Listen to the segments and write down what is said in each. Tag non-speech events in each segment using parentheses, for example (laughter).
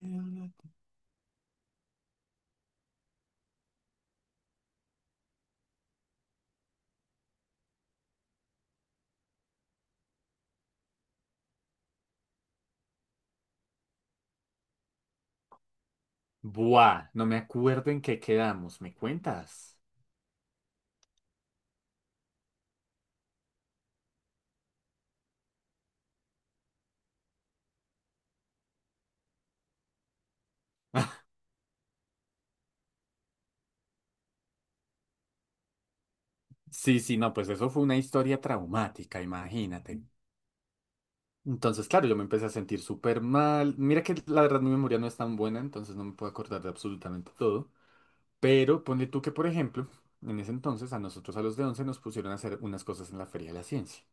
Buah, no me acuerdo en qué quedamos. ¿Me cuentas? Sí, sí, no, pues eso fue una historia traumática, imagínate. Entonces, claro, yo me empecé a sentir súper mal. Mira que la verdad mi memoria no es tan buena, entonces no me puedo acordar de absolutamente todo. Pero ponle tú que, por ejemplo, en ese entonces a nosotros a los de 11 nos pusieron a hacer unas cosas en la Feria de la Ciencia.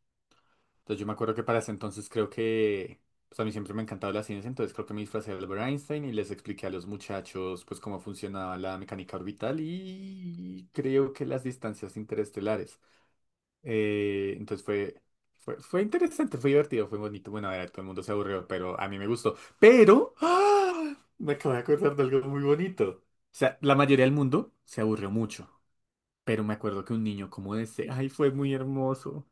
Entonces yo me acuerdo que para ese entonces creo que, pues a mí siempre me ha encantado la ciencia, entonces creo que me disfracé de Albert Einstein y les expliqué a los muchachos pues cómo funcionaba la mecánica orbital y creo que las distancias interestelares. Entonces fue interesante, fue divertido, fue bonito. Bueno, a ver, todo el mundo se aburrió, pero a mí me gustó. Pero, ¡ah! Me acabo de acordar de algo muy bonito. O sea, la mayoría del mundo se aburrió mucho, pero me acuerdo que un niño como ese, ay, fue muy hermoso.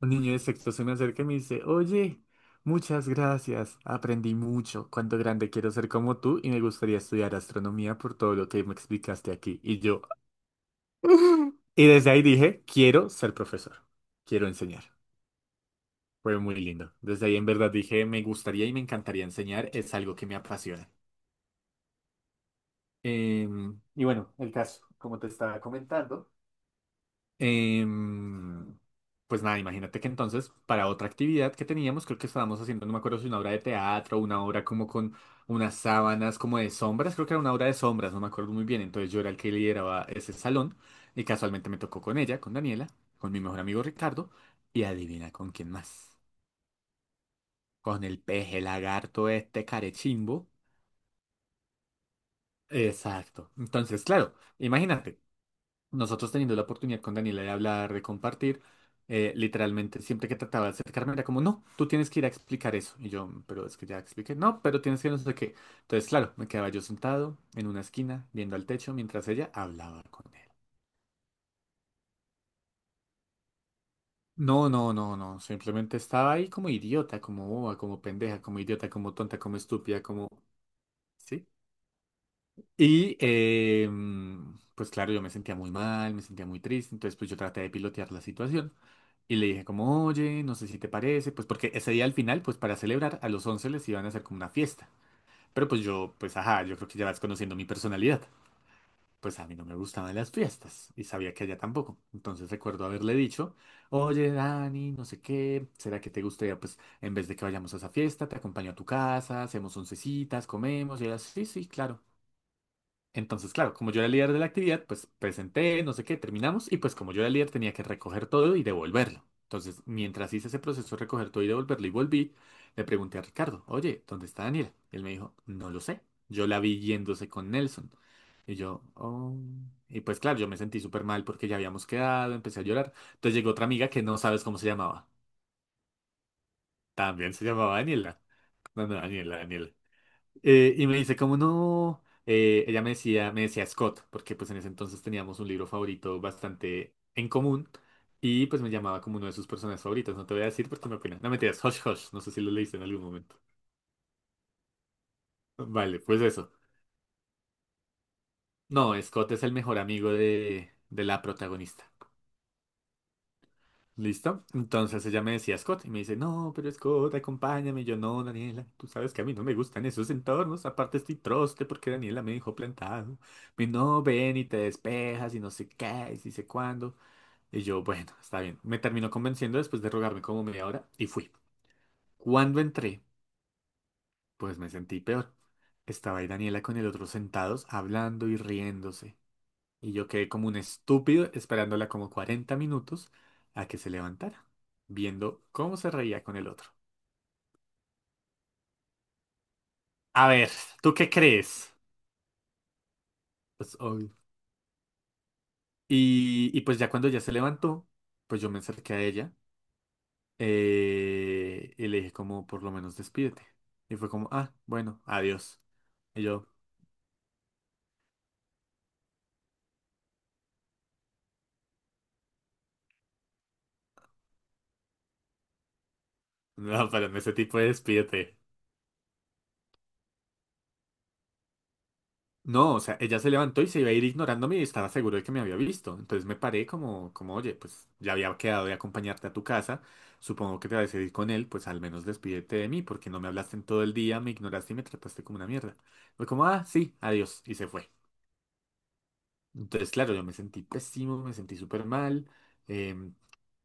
Un niño de sexto se me acerca y me dice, oye, muchas gracias, aprendí mucho, cuánto grande quiero ser como tú y me gustaría estudiar astronomía por todo lo que me explicaste aquí. Y yo, (laughs) y desde ahí dije, quiero ser profesor, quiero enseñar. Fue muy lindo. Desde ahí en verdad dije, me gustaría y me encantaría enseñar, es algo que me apasiona. Y bueno, el caso, como te estaba comentando. Em, pues nada, imagínate que entonces para otra actividad que teníamos, creo que estábamos haciendo, no me acuerdo si una obra de teatro, una obra como con unas sábanas como de sombras, creo que era una obra de sombras, no me acuerdo muy bien, entonces yo era el que lideraba ese salón y casualmente me tocó con ella, con Daniela, con mi mejor amigo Ricardo y adivina con quién más, con el peje lagarto este carechimbo. Exacto, entonces claro, imagínate, nosotros teniendo la oportunidad con Daniela de hablar, de compartir, literalmente siempre que trataba de acercarme era como, no, tú tienes que ir a explicar eso. Y yo, pero es que ya expliqué, no, pero tienes que no sé qué. Entonces, claro, me quedaba yo sentado en una esquina, viendo al techo, mientras ella hablaba con él. No, no, no, no, simplemente estaba ahí como idiota, como boba, como pendeja, como idiota, como tonta, como estúpida, como. ¿Sí? Y pues claro, yo me sentía muy mal, me sentía muy triste, entonces pues yo traté de pilotear la situación. Y le dije como, oye, no sé si te parece, pues porque ese día al final, pues para celebrar, a los 11 les iban a hacer como una fiesta. Pero pues yo, pues ajá, yo creo que ya vas conociendo mi personalidad. Pues a mí no me gustaban las fiestas y sabía que a ella tampoco. Entonces recuerdo haberle dicho, oye, Dani, no sé qué, ¿será que te gustaría, pues en vez de que vayamos a esa fiesta, te acompaño a tu casa, hacemos oncecitas, comemos? Y ella, sí, sí, claro. Entonces, claro, como yo era el líder de la actividad, pues presenté, no sé qué, terminamos y pues como yo era el líder tenía que recoger todo y devolverlo. Entonces, mientras hice ese proceso de recoger todo y devolverlo y volví, le pregunté a Ricardo, oye, ¿dónde está Daniela? Y él me dijo, no lo sé. Yo la vi yéndose con Nelson. Y yo, oh. Y pues claro, yo me sentí súper mal porque ya habíamos quedado, empecé a llorar. Entonces llegó otra amiga que no sabes cómo se llamaba. También se llamaba Daniela. No, no, Daniela, Daniela. Y me dice, como no? Ella me decía Scott, porque pues en ese entonces teníamos un libro favorito bastante en común y pues me llamaba como uno de sus personajes favoritos. No te voy a decir porque me opina. No mentiras, Hush Hush, no sé si lo leíste en algún momento. Vale, pues eso. No, Scott es el mejor amigo de la protagonista. ¿Listo? Entonces ella me decía Scott y me dice, no, pero Scott, acompáñame. Y yo, no, Daniela, tú sabes que a mí no me gustan esos entornos. Aparte estoy troste porque Daniela me dejó plantado. Me no, ven y te despejas y no sé qué, y si sé cuándo. Y yo, bueno, está bien. Me terminó convenciendo después de rogarme como media hora y fui. Cuando entré, pues me sentí peor. Estaba ahí Daniela con el otro sentados, hablando y riéndose. Y yo quedé como un estúpido esperándola como 40 minutos a que se levantara, viendo cómo se reía con el otro. A ver, ¿tú qué crees? Pues obvio. Y pues ya cuando ya se levantó, pues yo me acerqué a ella y le dije como, por lo menos despídete. Y fue como, ah, bueno, adiós. Y yo, (laughs) no, pero en ese tipo de despídete. No, o sea, ella se levantó y se iba a ir ignorándome y estaba seguro de que me había visto. Entonces me paré oye, pues ya había quedado de acompañarte a tu casa. Supongo que te vas a ir con él, pues al menos despídete de mí, porque no me hablaste en todo el día, me ignoraste y me trataste como una mierda. Fue como, ah, sí, adiós, y se fue. Entonces, claro, yo me sentí pésimo, me sentí súper mal, em,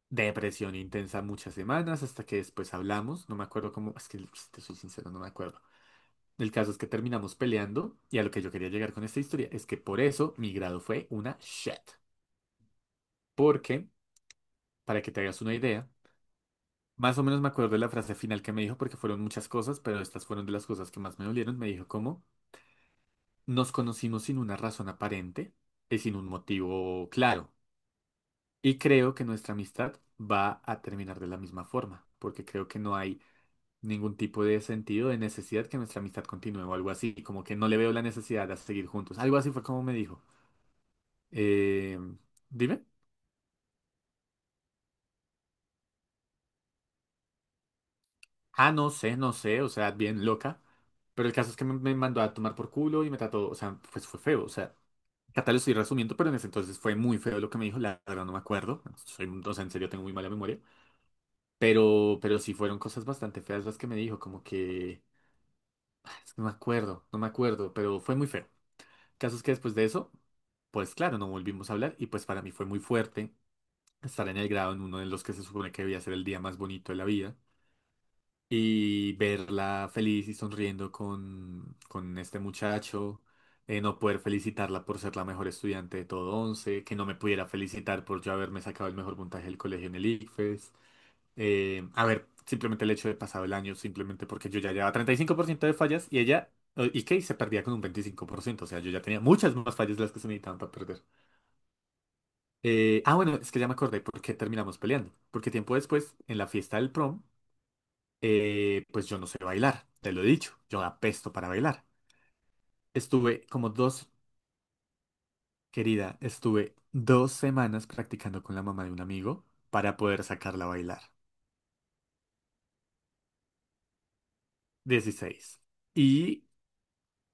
depresión intensa muchas semanas, hasta que después hablamos. No me acuerdo cómo, es que si te soy sincero, no me acuerdo. El caso es que terminamos peleando y a lo que yo quería llegar con esta historia es que por eso mi grado fue una shit. Porque, para que te hagas una idea, más o menos me acuerdo de la frase final que me dijo porque fueron muchas cosas, pero estas fueron de las cosas que más me dolieron. Me dijo como, nos conocimos sin una razón aparente y sin un motivo claro. Y creo que nuestra amistad va a terminar de la misma forma, porque creo que no hay ningún tipo de sentido de necesidad que nuestra amistad continúe o algo así, como que no le veo la necesidad de seguir juntos. Algo así fue como me dijo. Eh, Dime. Ah, no sé, no sé, o sea, bien loca. Pero el caso es que me mandó a tomar por culo y me trató, o sea, pues fue feo, o sea, acá te lo estoy resumiendo, pero en ese entonces fue muy feo lo que me dijo, la verdad no me acuerdo, o sea, en serio tengo muy mala memoria, pero sí fueron cosas bastante feas las que me dijo, como que, ah, es que no me acuerdo, no me acuerdo, pero fue muy feo. El caso es que después de eso, pues claro, no volvimos a hablar y pues para mí fue muy fuerte estar en el grado en uno de los que se supone que debía ser el día más bonito de la vida, y verla feliz y sonriendo con este muchacho, no poder felicitarla por ser la mejor estudiante de todo 11 que no me pudiera felicitar por yo haberme sacado el mejor puntaje del colegio en el ICFES. A ver, simplemente el hecho de pasado el año, simplemente porque yo ya llevaba 35% de fallas y ella, y Kate se perdía con un 25%, o sea, yo ya tenía muchas más fallas de las que se necesitaban para perder. Bueno, es que ya me acordé por qué terminamos peleando, porque tiempo después, en la fiesta del prom, pues yo no sé bailar, te lo he dicho, yo apesto para bailar. Estuve como dos, Querida, estuve 2 semanas practicando con la mamá de un amigo para poder sacarla a bailar. 16. Y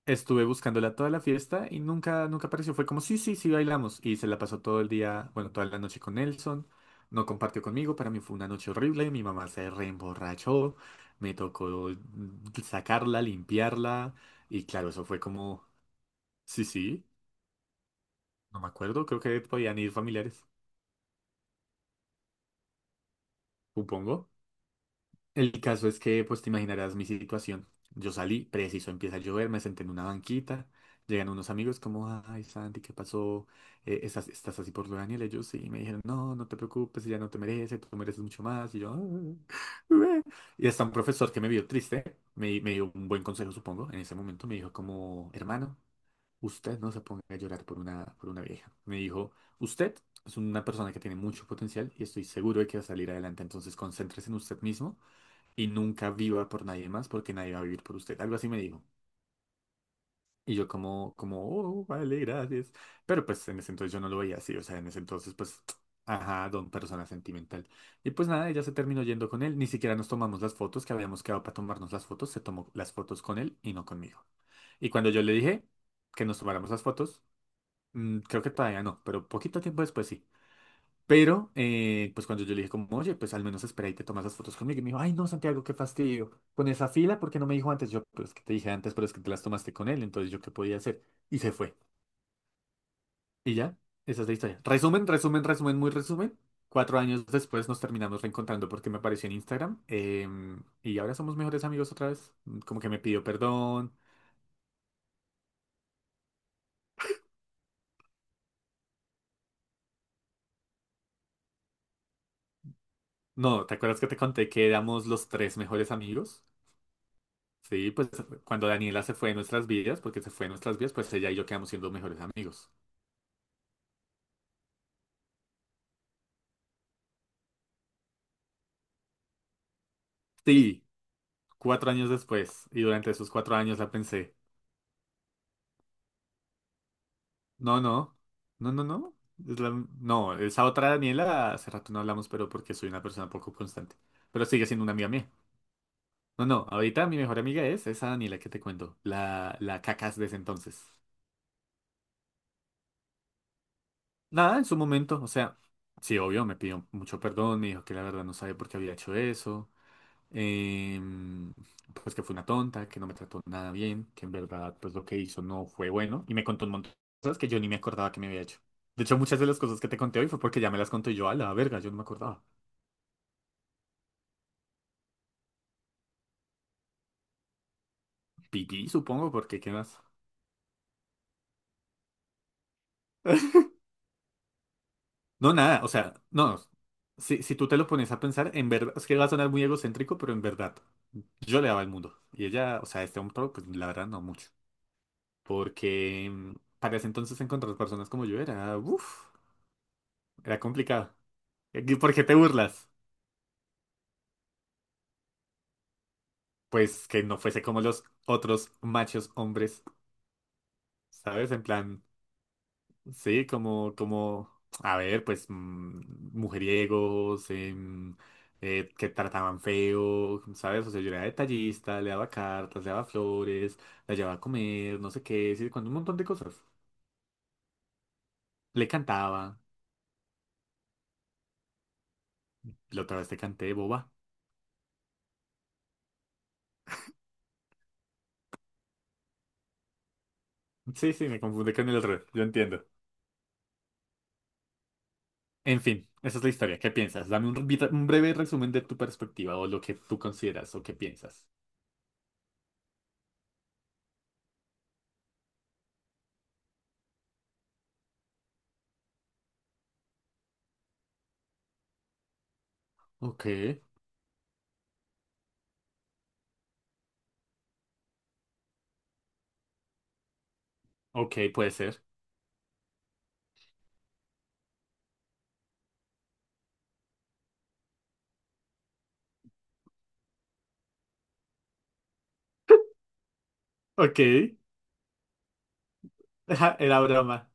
estuve buscándola toda la fiesta y nunca, nunca apareció. Fue como, sí, sí, sí, bailamos. Y se la pasó todo el día, bueno, toda la noche con Nelson. No compartió conmigo, para mí fue una noche horrible. Mi mamá se reemborrachó, me tocó sacarla, limpiarla. Y claro, eso fue como, sí, sí. No me acuerdo, creo que podían ir familiares, supongo. El caso es que, pues te imaginarás mi situación. Yo salí, preciso, empieza a llover, me senté en una banquita, llegan unos amigos como, ay, Santi, ¿qué pasó? ¿Estás, así por lo de Daniel? Ellos sí, me dijeron, no, no te preocupes, ella no te merece, tú mereces mucho más. Y yo, (laughs) "Ah, eh". Y hasta un profesor que me vio triste, me dio un buen consejo, supongo, en ese momento me dijo como, hermano. Usted no se ponga a llorar por una vieja. Me dijo, usted es una persona que tiene mucho potencial y estoy seguro de que va a salir adelante. Entonces concéntrese en usted mismo y nunca viva por nadie más porque nadie va a vivir por usted. Algo así me dijo. Y yo como, oh, vale, gracias. Pero pues en ese entonces yo no lo veía así. O sea, en ese entonces pues, (tsk) ajá, don persona sentimental. Y pues nada, ella se terminó yendo con él. Ni siquiera nos tomamos las fotos que habíamos quedado para tomarnos las fotos. Se tomó las fotos con él y no conmigo. Y cuando yo le dije que nos tomáramos las fotos, creo que todavía no, pero poquito tiempo después sí. Pero, pues cuando yo le dije como, oye, pues al menos espera y te tomas las fotos conmigo. Y me dijo, ay, no, Santiago, qué fastidio. Con esa fila, ¿por qué no me dijo antes? Yo, pero es que te dije antes, pero es que te las tomaste con él, entonces yo qué podía hacer. Y se fue. Y ya, esa es la historia. Resumen, resumen, resumen, muy resumen. Cuatro años después nos terminamos reencontrando porque me apareció en Instagram. Y ahora somos mejores amigos otra vez. Como que me pidió perdón. No, ¿te acuerdas que te conté que éramos los tres mejores amigos? Sí, pues cuando Daniela se fue de nuestras vidas, porque se fue de nuestras vidas, pues ella y yo quedamos siendo mejores amigos. Sí, cuatro años después, y durante esos cuatro años la pensé, no, no, no, no, no, no, esa otra Daniela, hace rato no hablamos, pero porque soy una persona poco constante, pero sigue siendo una amiga mía. No, no, ahorita mi mejor amiga es esa Daniela que te cuento, la cacas de ese entonces. Nada, en su momento, o sea, sí, obvio, me pidió mucho perdón, me dijo que la verdad no sabe por qué había hecho eso. em, pues que fue una tonta, que no me trató nada bien, que en verdad pues lo que hizo no fue bueno y me contó un montón de cosas que yo ni me acordaba que me había hecho. De hecho, muchas de las cosas que te conté hoy fue porque ya me las conté yo a la verga, yo no me acordaba. Pipí, supongo, porque ¿qué más? (laughs) No, nada, o sea, no. Si tú te lo pones a pensar, en verdad, es que va a sonar muy egocéntrico, pero en verdad, yo le daba el mundo. Y ella, o sea, este hombre, pues la verdad no mucho. Porque para ese entonces encontrar personas como yo era, uff, era complicado. ¿Y por qué te burlas? Pues que no fuese como los otros machos hombres, ¿sabes? En plan, sí, como, a ver, pues, mujeriegos, que trataban feo, ¿sabes? O sea, yo era detallista, le daba cartas, le daba flores, la llevaba a comer, no sé qué, sí, cuando un montón de cosas. Le cantaba, la otra vez te canté, boba. Sí, sí, me confundí con el otro, yo entiendo. En fin, esa es la historia. ¿Qué piensas? Dame un breve resumen de tu perspectiva o lo que tú consideras o qué piensas. Ok, ok, puede ser. Ok, (laughs) ajá, era broma.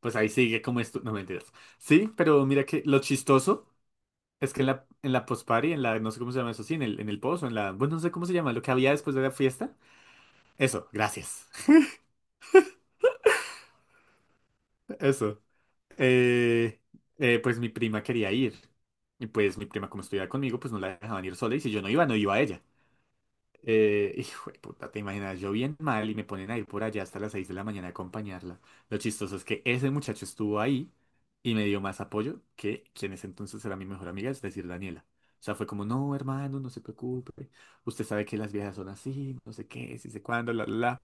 Pues ahí sigue como esto. No mentiras. Sí, pero mira que lo chistoso es que en la post-party, en la, no sé cómo se llama eso, sí, en el post o en la, bueno, no sé cómo se llama, lo que había después de la fiesta. Eso, gracias. (laughs) Eso. Eh, pues mi prima quería ir. Y pues mi prima, como estudiaba conmigo, pues no la dejaban ir sola. Y si yo no iba, no iba ella. Hijo de puta, te imaginas, yo bien mal y me ponen a ir por allá hasta las 6 de la mañana a acompañarla. Lo chistoso es que ese muchacho estuvo ahí y me dio más apoyo que quien en ese entonces era mi mejor amiga, es decir, Daniela. O sea, fue como, no, hermano, no se preocupe. Usted sabe que las viejas son así, no sé qué, sí sé cuándo, la, la, la.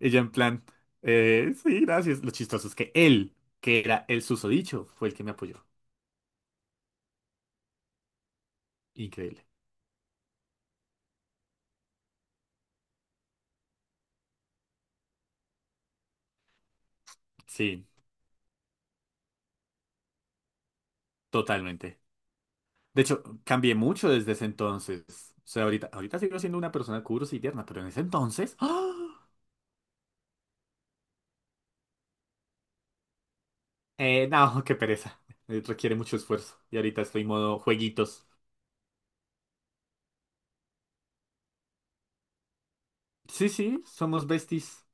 Ella en plan, sí, gracias. Lo chistoso es que él, que era el susodicho, fue el que me apoyó. Increíble. Sí, totalmente. De hecho, cambié mucho desde ese entonces. O sea, ahorita, ahorita sigo siendo una persona curiosa y tierna, pero en ese entonces... ¡ah! No, (laughs) qué pereza. Requiere mucho esfuerzo. Y ahorita estoy modo jueguitos. Sí, sí, somos besties.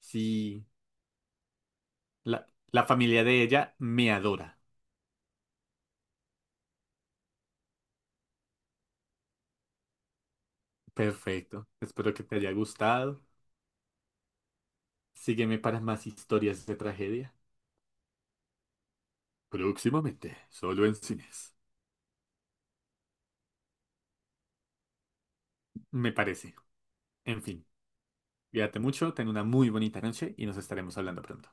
Sí, la, la familia de ella me adora. Perfecto. Espero que te haya gustado. Sígueme para más historias de tragedia. Próximamente, solo en cines. Me parece. En fin, cuídate mucho, ten una muy bonita noche y nos estaremos hablando pronto.